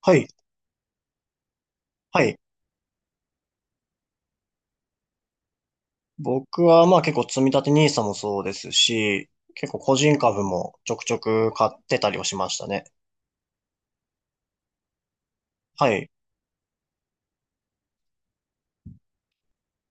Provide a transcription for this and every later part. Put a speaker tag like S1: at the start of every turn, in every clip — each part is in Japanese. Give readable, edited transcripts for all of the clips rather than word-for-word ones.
S1: はい。はい。僕はまあ結構積み立てニーサもそうですし、結構個人株もちょくちょく買ってたりをしましたね。はい。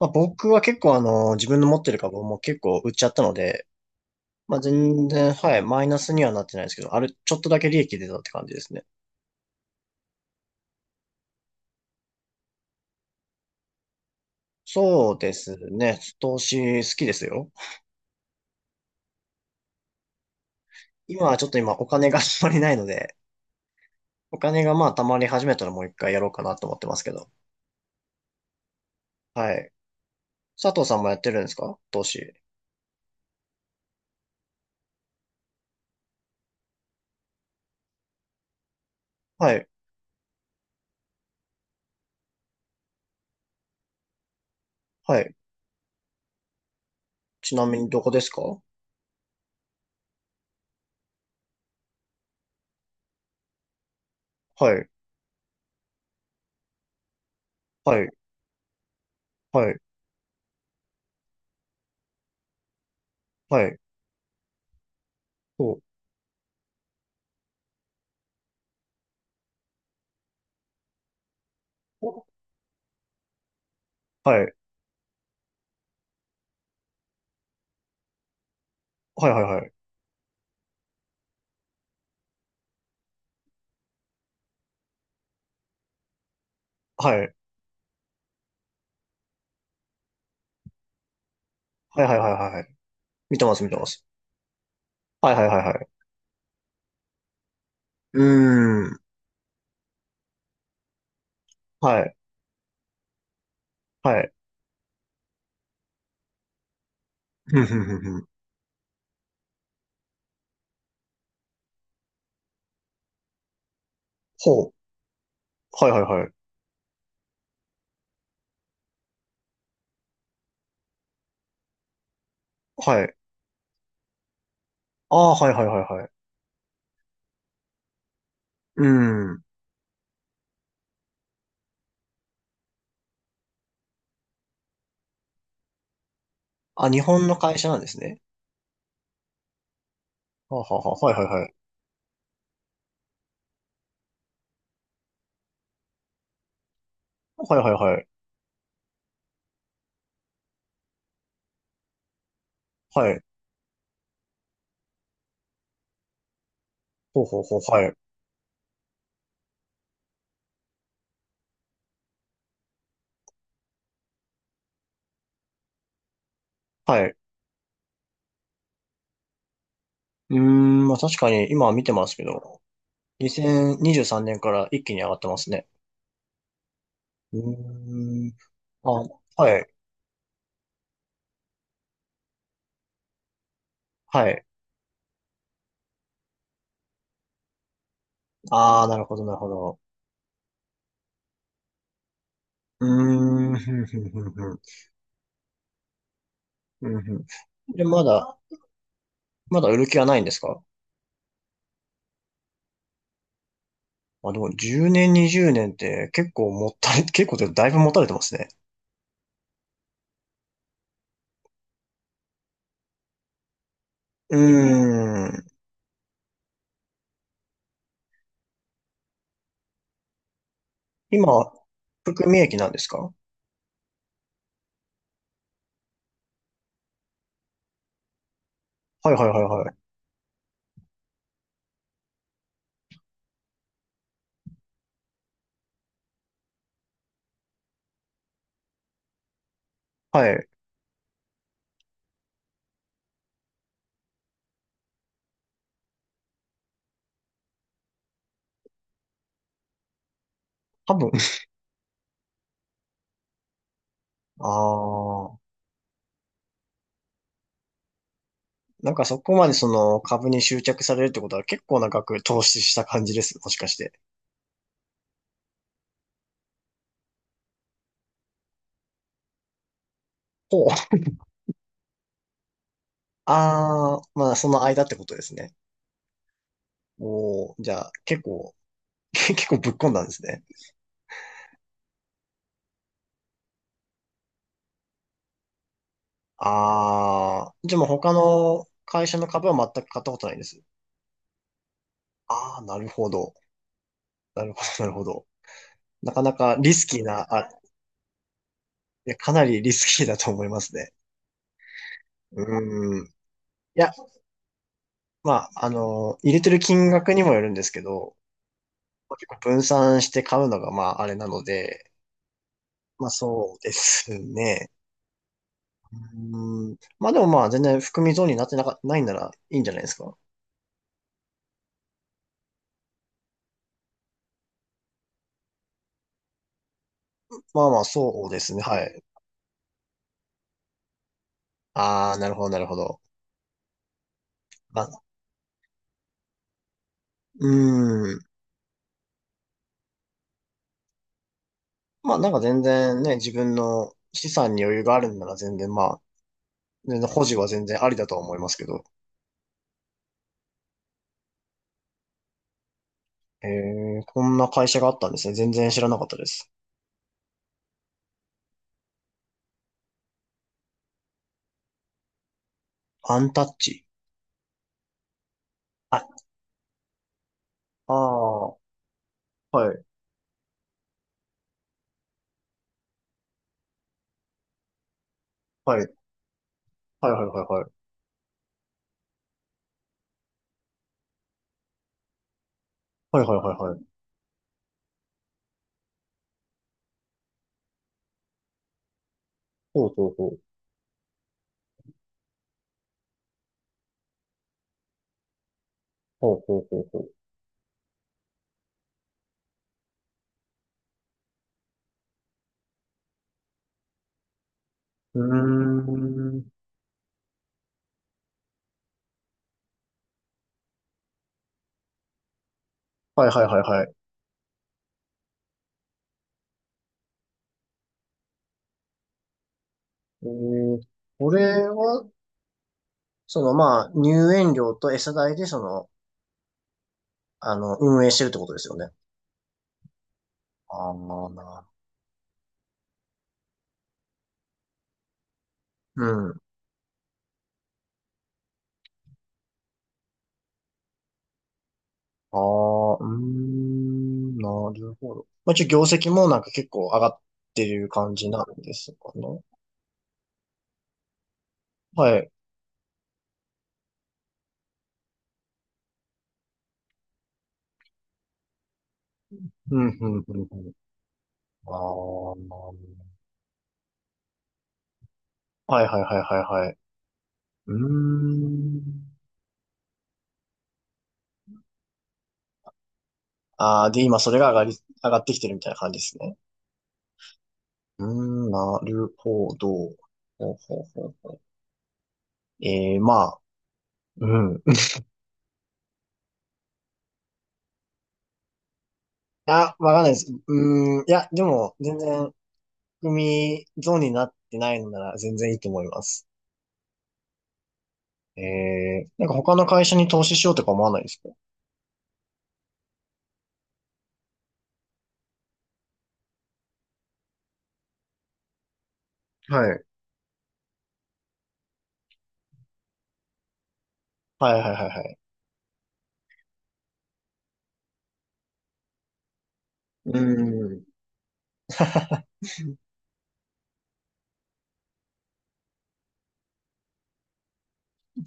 S1: まあ僕は結構自分の持ってる株も結構売っちゃったので、まあ全然、はい、マイナスにはなってないですけど、あれ、ちょっとだけ利益出たって感じですね。そうですね。投資好きですよ。今はちょっとお金が あんまりないので、お金がまあ溜まり始めたらもう一回やろうかなと思ってますけど。はい。佐藤さんもやってるんですか投資。はい。はい。ちなみにどこですか？はい、はい、はい、はい、お、おはい、はい、はい、はい、はい、はい、はい、はい、はいはい、見てます、見てます。はい、はい、はい、はい。うーん、はい、はい、ふんふんふんふん。ほう、はい、はい、はい、はい。ああ、はい、はい、はい、はい。うーん。あ、日本の会社なんですね。はあはあはあ、はい、はい、はい。はい、はい、はい、はい。ほうほうほう、はい、はい。うーん、まあ確かに今は見てますけど、2023年から一気に上がってますね。うーん。あ、はい。はい。ああ、なるほど、なるほど。うーん、ふんふんふんふん。うんふん、で、まだ、まだ売る気はないんですか？あ、でも10年、20年って結構もったれ、結構でだいぶ持たれてますね。うーん。今、含み益なんですか？はいはいはいはい。はい。多分。ああ。なんかそこまでその株に執着されるってことは結構な額投資した感じです。もしかして。ほう。ああ、まあその間ってことですね。おー、じゃあ、結構、結構ぶっ込んだんですね。あー、じゃあもう他の会社の株は全く買ったことないです。あー、なるほど。なるほど、なるほど。なかなかリスキーな、あ、いや、かなりリスキーだと思いますね。うーん。いや、まあ、入れてる金額にもよるんですけど、結構分散して買うのが、まあ、あれなので、まあ、そうですね。うーん。まあ、でもまあ、全然含み損になってなか、ないならいいんじゃないですか。まあまあ、そうですね。はい。ああ、なるほど、なるほど。まあ、うーん。まあ、なんか全然ね、自分の資産に余裕があるんなら全然、まあ、全然保持は全然ありだとは思いますけど。えー、こんな会社があったんですね。全然知らなかったです。アンタッチ。あ、ああ、はい、はい、はい、はい、はい、はい。はい、はい、はい、はい。ほうほうほう。ほうほうほうほう。うーん。はい、はい、はい、はい。えー、これは、その、まあ、入園料と餌代で、その、運営してるってことですよね。あーな、うん。ああ、うーん、なるほど。まあ、一応業績もなんか結構上がってる感じなんですかね。はい。うん、うん、うん、うん。ああ、はい、はい、はい、はい、はい。うーん。ああ、で、今それが上がり、上がってきてるみたいな感じですね。うーん、なるほど。ほうほうほうほう。ええまあ、うん。あ、わかんないです。うーん、いや、でも、全然、組ゾーンになってないのなら全然いいと思います。えー、なんか他の会社に投資しようとか思わないですか？はい。はいはいはいはい。うん。あ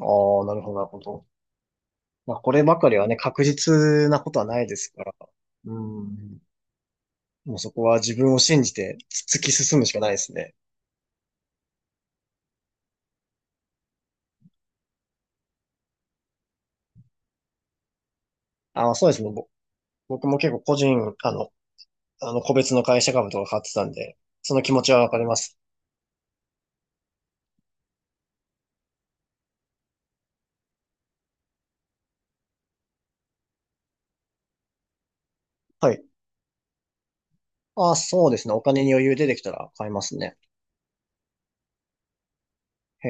S1: あ、なるほどなるほど。まあこればかりはね、確実なことはないですから。うん。もうそこは自分を信じて突き進むしかないですね。ああ、そうですね。僕も結構個人、あの個別の会社株とか買ってたんで、その気持ちはわかります。はい。ああ、そうですね。お金に余裕出てきたら買いますね。へ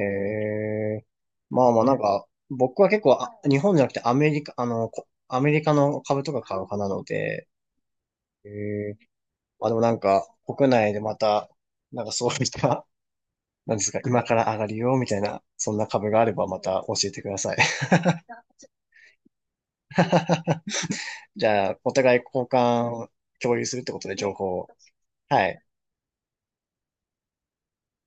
S1: え。まあまあなんか、僕は結構あ、日本じゃなくてアメリカ、こアメリカの株とか買う派なので、ええ、まあでもなんか、国内でまた、なんかそういった、なんですか、今から上がるよ、みたいな、そんな株があればまた教えてください。じゃあ、お互い交換、共有するってことで情報を。はい。